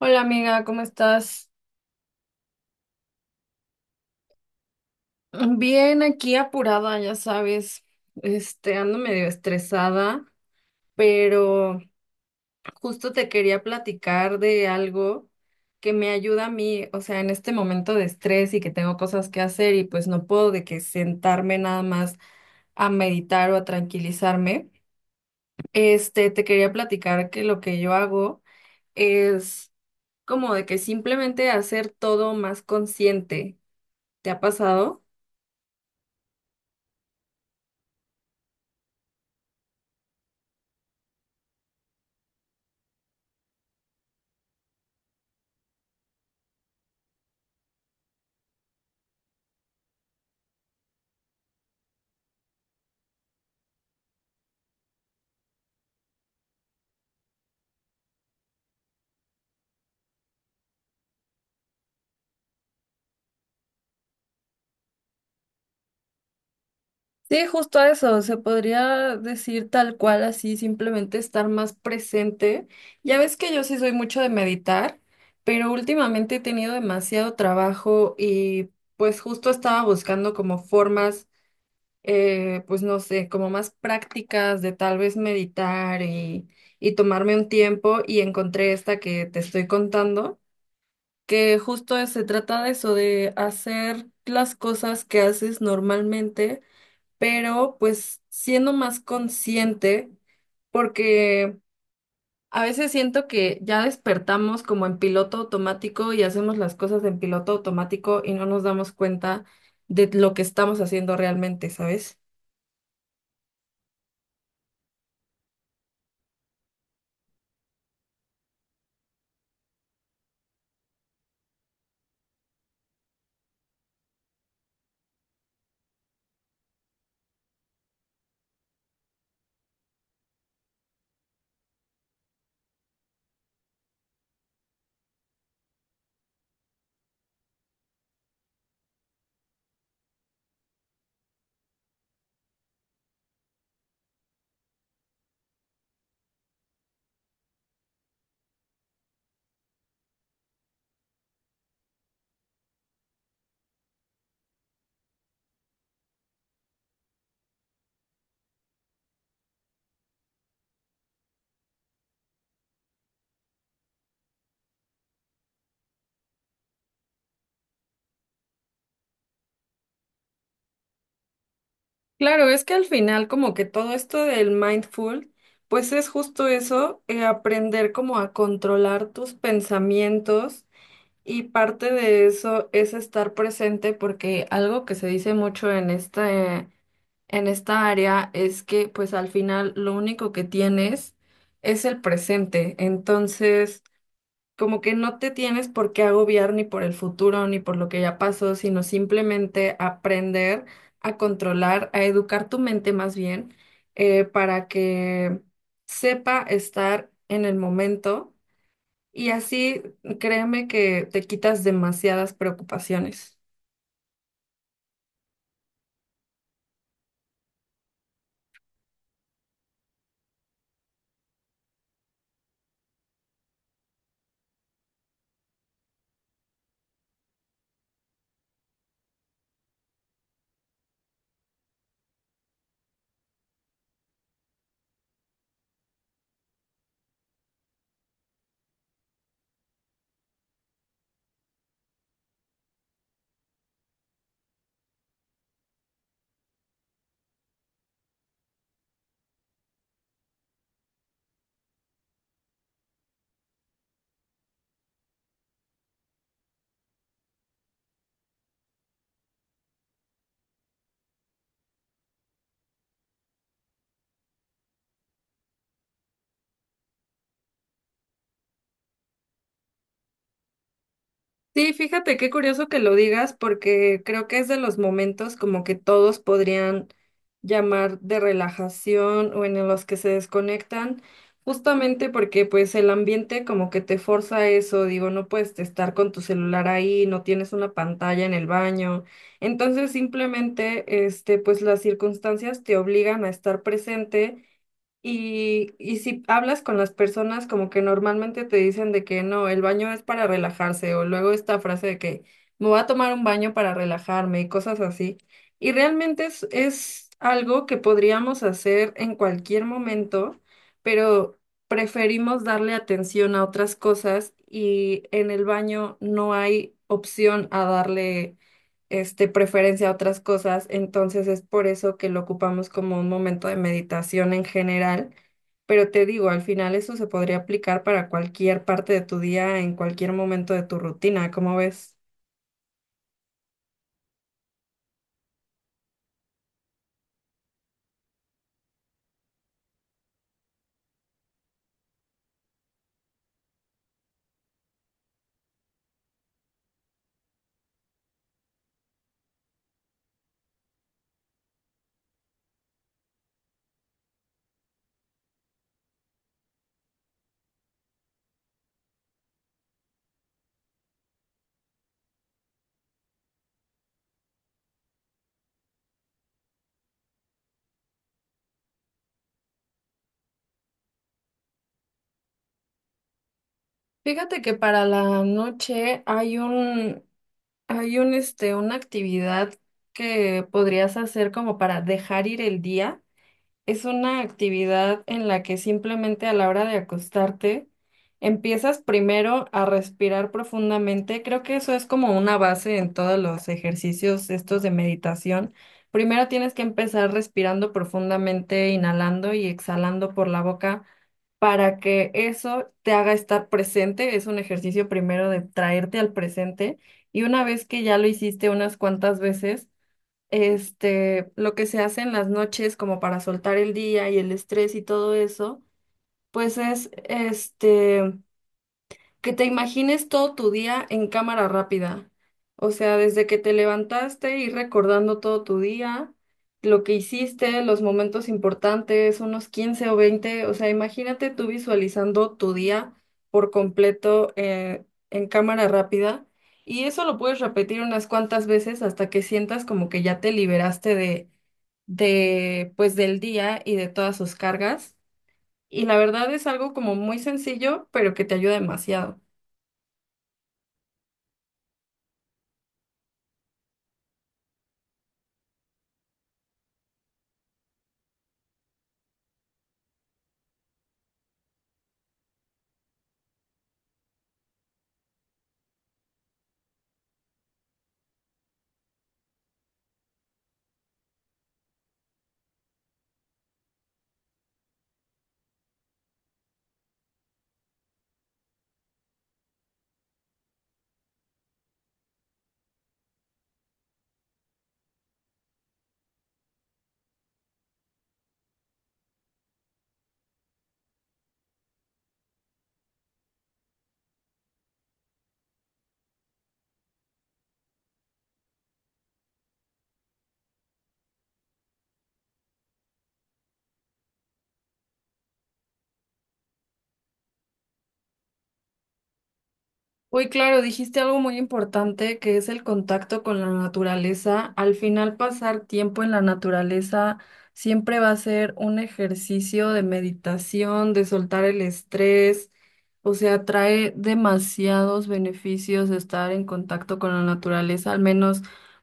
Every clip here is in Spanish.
Hola amiga, ¿cómo estás? Bien, aquí apurada, ya sabes, ando medio estresada, pero justo te quería platicar de algo que me ayuda a mí, o sea, en este momento de estrés y que tengo cosas que hacer y pues no puedo de que sentarme nada más a meditar o a tranquilizarme. Te quería platicar que lo que yo hago es como de que simplemente hacer todo más consciente. ¿Te ha pasado? Sí, justo a eso, se podría decir tal cual así, simplemente estar más presente. Ya ves que yo sí soy mucho de meditar, pero últimamente he tenido demasiado trabajo y pues justo estaba buscando como formas, pues no sé, como más prácticas de tal vez meditar y tomarme un tiempo y encontré esta que te estoy contando, que justo se trata de eso, de hacer las cosas que haces normalmente pero pues siendo más consciente, porque a veces siento que ya despertamos como en piloto automático y hacemos las cosas en piloto automático y no nos damos cuenta de lo que estamos haciendo realmente, ¿sabes? Claro, es que al final como que todo esto del mindful, pues es justo eso, aprender como a controlar tus pensamientos y parte de eso es estar presente porque algo que se dice mucho en esta área es que pues al final lo único que tienes es el presente. Entonces, como que no te tienes por qué agobiar ni por el futuro ni por lo que ya pasó, sino simplemente aprender a controlar, a educar tu mente más bien, para que sepa estar en el momento y así créeme que te quitas demasiadas preocupaciones. Sí, fíjate qué curioso que lo digas porque creo que es de los momentos como que todos podrían llamar de relajación o en los que se desconectan, justamente porque pues el ambiente como que te forza a eso, digo, no puedes estar con tu celular ahí, no tienes una pantalla en el baño, entonces simplemente pues las circunstancias te obligan a estar presente y si hablas con las personas, como que normalmente te dicen de que no, el baño es para relajarse, o luego esta frase de que me voy a tomar un baño para relajarme y cosas así. Y realmente es algo que podríamos hacer en cualquier momento, pero preferimos darle atención a otras cosas y en el baño no hay opción a darle preferencia a otras cosas, entonces es por eso que lo ocupamos como un momento de meditación en general, pero te digo, al final eso se podría aplicar para cualquier parte de tu día, en cualquier momento de tu rutina, ¿cómo ves? Fíjate que para la noche una actividad que podrías hacer como para dejar ir el día. Es una actividad en la que simplemente a la hora de acostarte empiezas primero a respirar profundamente. Creo que eso es como una base en todos los ejercicios estos de meditación. Primero tienes que empezar respirando profundamente, inhalando y exhalando por la boca para que eso te haga estar presente. Es un ejercicio primero de traerte al presente y una vez que ya lo hiciste unas cuantas veces, lo que se hace en las noches como para soltar el día y el estrés y todo eso, pues es, que te imagines todo tu día en cámara rápida. O sea, desde que te levantaste, ir recordando todo tu día, lo que hiciste, los momentos importantes, unos 15 o 20. O sea, imagínate tú visualizando tu día por completo en cámara rápida. Y eso lo puedes repetir unas cuantas veces hasta que sientas como que ya te liberaste de pues del día y de todas sus cargas. Y la verdad es algo como muy sencillo, pero que te ayuda demasiado. Uy, claro, dijiste algo muy importante que es el contacto con la naturaleza. Al final, pasar tiempo en la naturaleza siempre va a ser un ejercicio de meditación, de soltar el estrés. O sea, trae demasiados beneficios estar en contacto con la naturaleza, al menos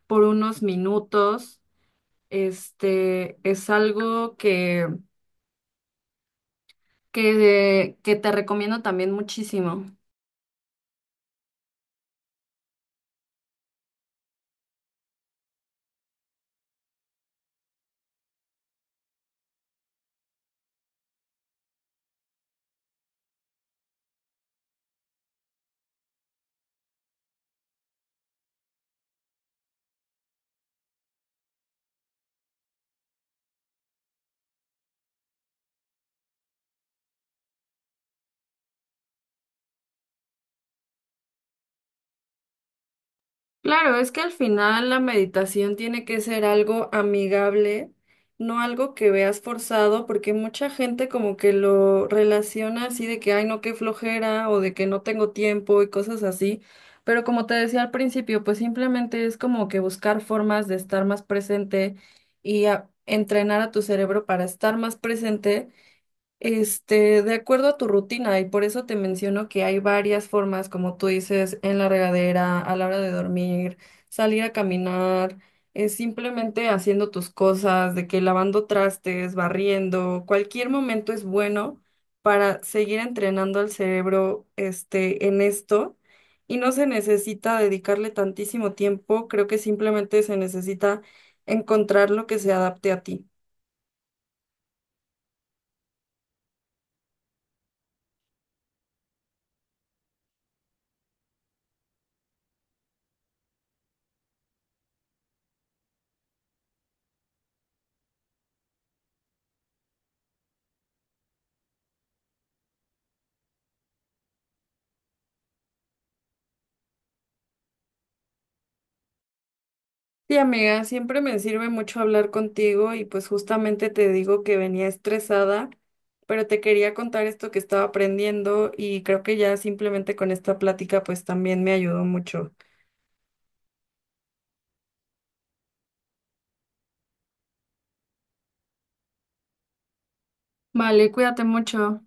por unos minutos. Este es algo que te recomiendo también muchísimo. Claro, es que al final la meditación tiene que ser algo amigable, no algo que veas forzado, porque mucha gente como que lo relaciona así de que, ay, no, qué flojera o de que no tengo tiempo y cosas así. Pero como te decía al principio, pues simplemente es como que buscar formas de estar más presente y entrenar a tu cerebro para estar más presente. De acuerdo a tu rutina, y por eso te menciono que hay varias formas, como tú dices, en la regadera, a la hora de dormir, salir a caminar, simplemente haciendo tus cosas, de que lavando trastes, barriendo, cualquier momento es bueno para seguir entrenando al cerebro, en esto, y no se necesita dedicarle tantísimo tiempo, creo que simplemente se necesita encontrar lo que se adapte a ti. Sí, amiga, siempre me sirve mucho hablar contigo y pues justamente te digo que venía estresada, pero te quería contar esto que estaba aprendiendo y creo que ya simplemente con esta plática pues también me ayudó mucho. Vale, cuídate mucho.